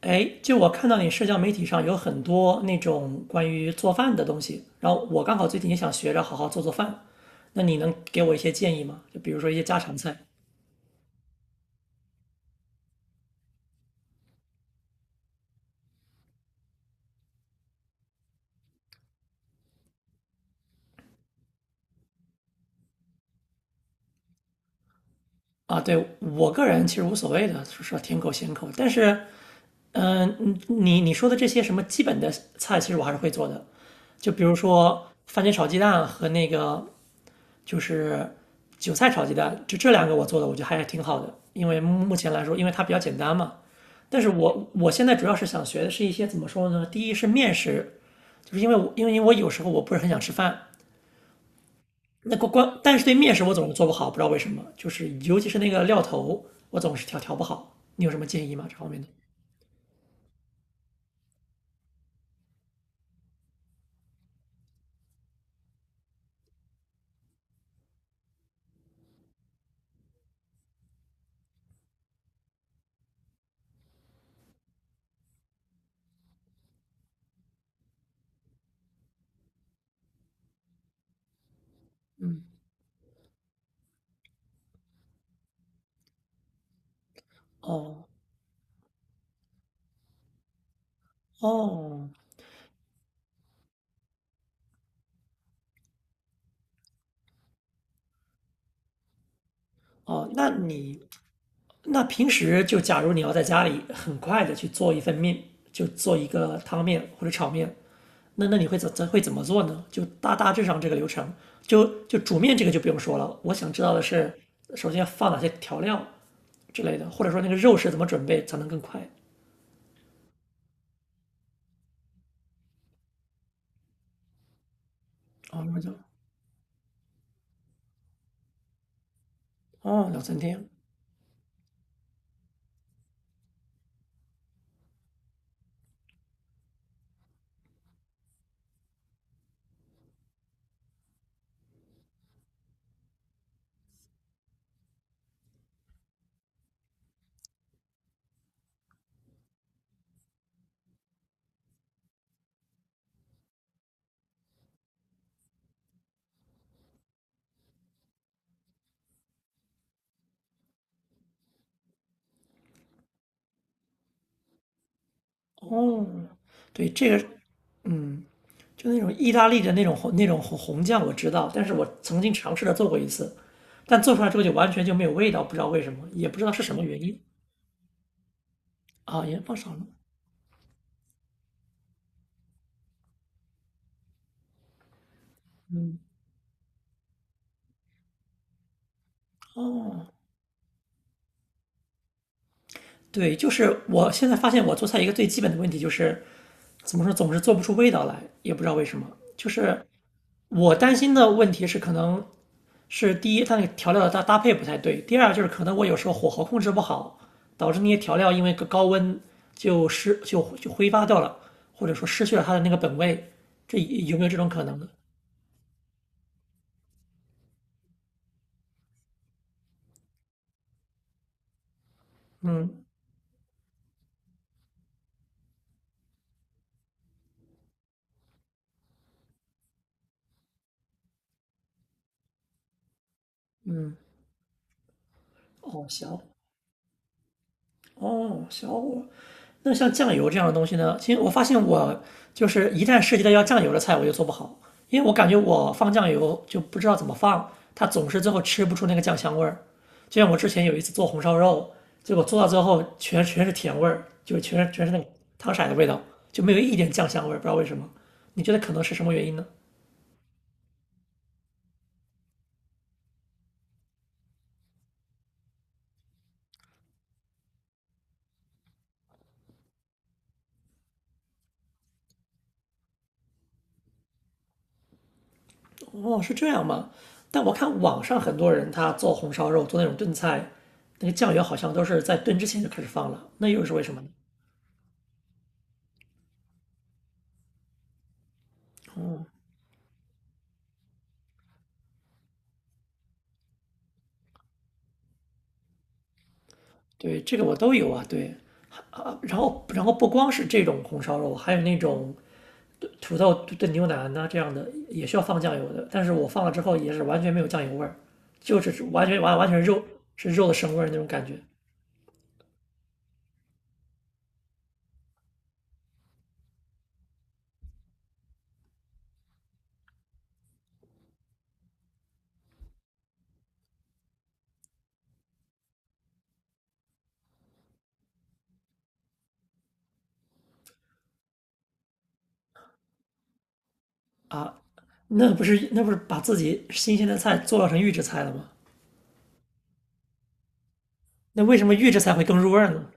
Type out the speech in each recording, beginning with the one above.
哎，就我看到你社交媒体上有很多那种关于做饭的东西，然后我刚好最近也想学着好好做做饭，那你能给我一些建议吗？就比如说一些家常菜啊，对，我个人其实无所谓的，说甜口咸口，但是，你说的这些什么基本的菜，其实我还是会做的，就比如说番茄炒鸡蛋和那个就是韭菜炒鸡蛋，就这两个我做的，我觉得还是挺好的，因为目前来说，因为它比较简单嘛。但是我现在主要是想学的是一些怎么说呢？第一是面食，就是因为我有时候我不是很想吃饭，那关关，但是对面食我总是做不好，不知道为什么，就是尤其是那个料头，我总是调不好。你有什么建议吗？这方面的？哦哦哦，那平时就假如你要在家里很快的去做一份面，就做一个汤面或者炒面，那你会怎么做呢？就大致上这个流程，就煮面这个就不用说了。我想知道的是，首先要放哪些调料之类的，或者说那个肉是怎么准备才能更快。哦，那么就哦两三天哦，对这个就那种意大利的那种红酱我知道，但是我曾经尝试着做过一次，但做出来之后就完全就没有味道，不知道为什么，也不知道是什么原因啊，盐放少了哦。对，就是我现在发现我做菜一个最基本的问题就是，怎么说总是做不出味道来，也不知道为什么。就是我担心的问题是，可能是第一，它那个调料的搭配不太对；第二，就是可能我有时候火候控制不好，导致那些调料因为个高温就失就就挥发掉了，或者说失去了它的那个本味。这有没有这种可能呢？嗯嗯，哦，行。哦，小火。那像酱油这样的东西呢？其实我发现我就是一旦涉及到要酱油的菜，我就做不好，因为我感觉我放酱油就不知道怎么放，它总是最后吃不出那个酱香味儿。就像我之前有一次做红烧肉，结果做到最后全是甜味儿，就全是那个汤色的味道，就没有一点酱香味儿，不知道为什么。你觉得可能是什么原因呢？哦，是这样吗？但我看网上很多人他做红烧肉，做那种炖菜，那个酱油好像都是在炖之前就开始放了，那又是为什么呢？对，这个我都有啊，对啊，然后不光是这种红烧肉，还有那种土豆炖牛腩呐、这样的也需要放酱油的，但是我放了之后也是完全没有酱油味儿，就只是完全是肉的生味儿那种感觉啊，那不是把自己新鲜的菜做成预制菜了吗？那为什么预制菜会更入味儿呢？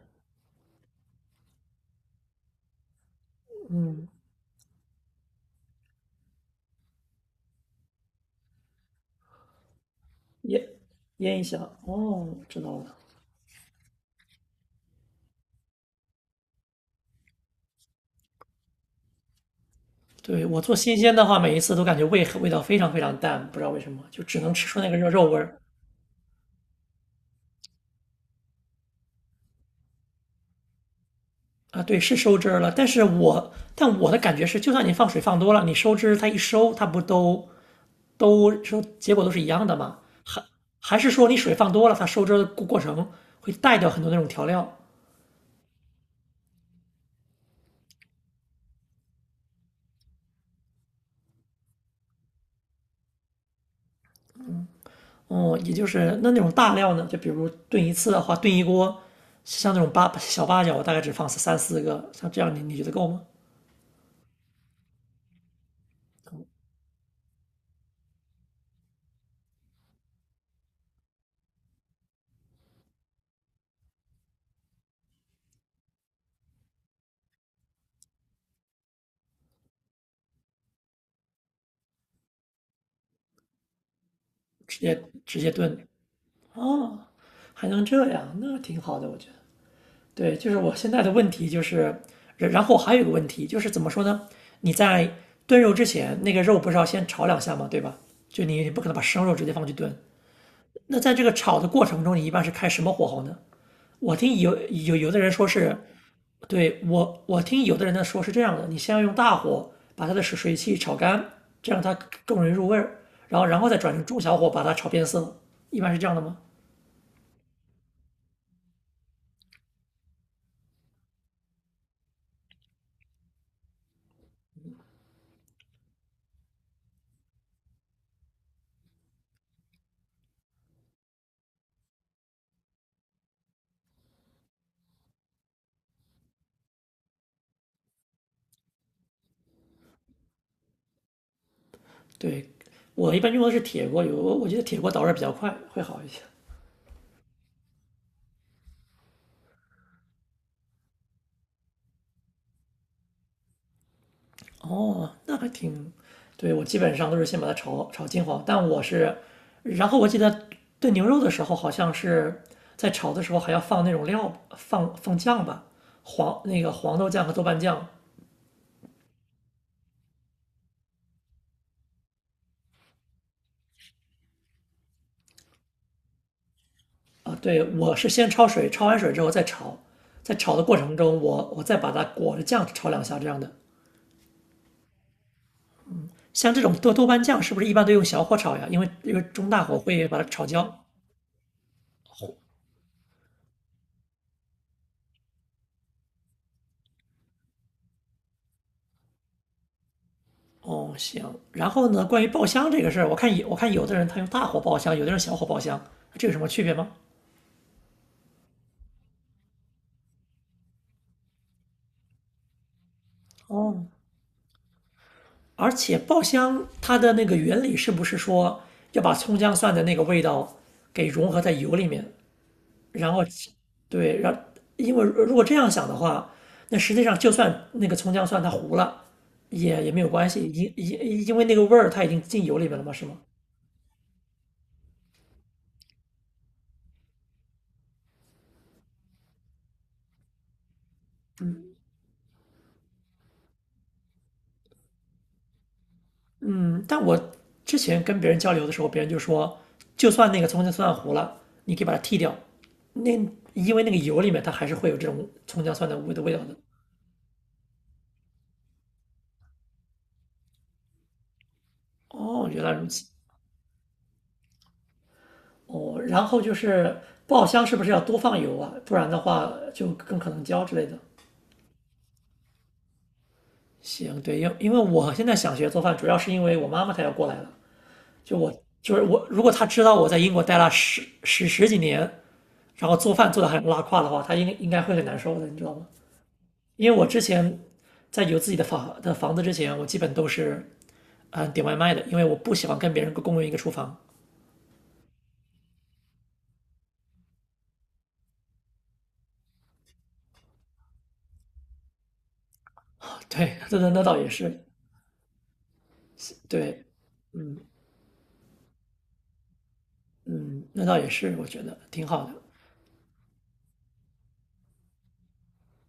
腌腌一下。哦，知道了。对，我做新鲜的话，每一次都感觉味道非常非常淡，不知道为什么，就只能吃出那个肉味儿啊。对，是收汁儿了，但是但我的感觉是，就算你放水放多了，你收汁它一收，它不都收结果都是一样的吗？还还是说你水放多了，它收汁儿的过程会带掉很多那种调料？哦、也就是那种大料呢，就比如炖一次的话，炖一锅，像那种八角，我大概只放三四个，像这样你觉得够吗？直接炖。哦，还能这样，那挺好的，我觉得。对，就是我现在的问题就是，然后还有一个问题就是怎么说呢？你在炖肉之前，那个肉不是要先炒两下吗？对吧？就你不可能把生肉直接放去炖。那在这个炒的过程中，你一般是开什么火候呢？我听有的人说是，对我听有的人呢说是这样的，你先要用大火把它的水汽炒干，这样它更容易入味儿，然后再转成中小火把它炒变色，一般是这样的吗？对，我一般用的是铁锅有我觉得铁锅导热比较快，会好一些。哦，那还挺，对，我基本上都是先把它炒金黄，但我是，然后我记得炖牛肉的时候，好像是在炒的时候还要放那种料，放酱吧，黄那个黄豆酱和豆瓣酱啊。对，我是先焯水，焯完水之后再炒，在炒的过程中，我再把它裹着酱炒两下这样的。像这种豆瓣酱是不是一般都用小火炒呀？因为中大火会把它炒焦。哦，行。然后呢，关于爆香这个事儿，我看有的人他用大火爆香，有的人小火爆香，这有什么区别吗？哦，而且爆香它的那个原理是不是说要把葱姜蒜的那个味道给融合在油里面，然后对，因为如果这样想的话，那实际上就算那个葱姜蒜它糊了，也没有关系，因为那个味儿它已经进油里面了嘛，是吗？但我之前跟别人交流的时候，别人就说，就算那个葱姜蒜糊了，你可以把它剔掉，那因为那个油里面它还是会有这种葱姜蒜的味道的。哦，原来如此。哦，然后就是爆香是不是要多放油啊？不然的话就更可能焦之类的。行，对，因为我现在想学做饭，主要是因为我妈妈她要过来了，就我就是我，如果她知道我在英国待了十几年，然后做饭做的很拉胯的话，她应该会很难受的，你知道吗？因为我之前在有自己的房子之前，我基本都是点外卖的，因为我不喜欢跟别人共用一个厨房。啊对，那倒也是，对，嗯，那倒也是，我觉得挺好的。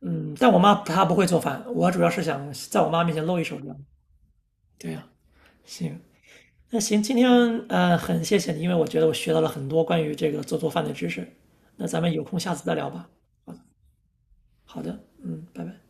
嗯，但我妈她不会做饭，我主要是想在我妈面前露一手这样。对呀、行，那行，今天很谢谢你，因为我觉得我学到了很多关于这个做饭的知识。那咱们有空下次再聊吧。好的，嗯，拜拜。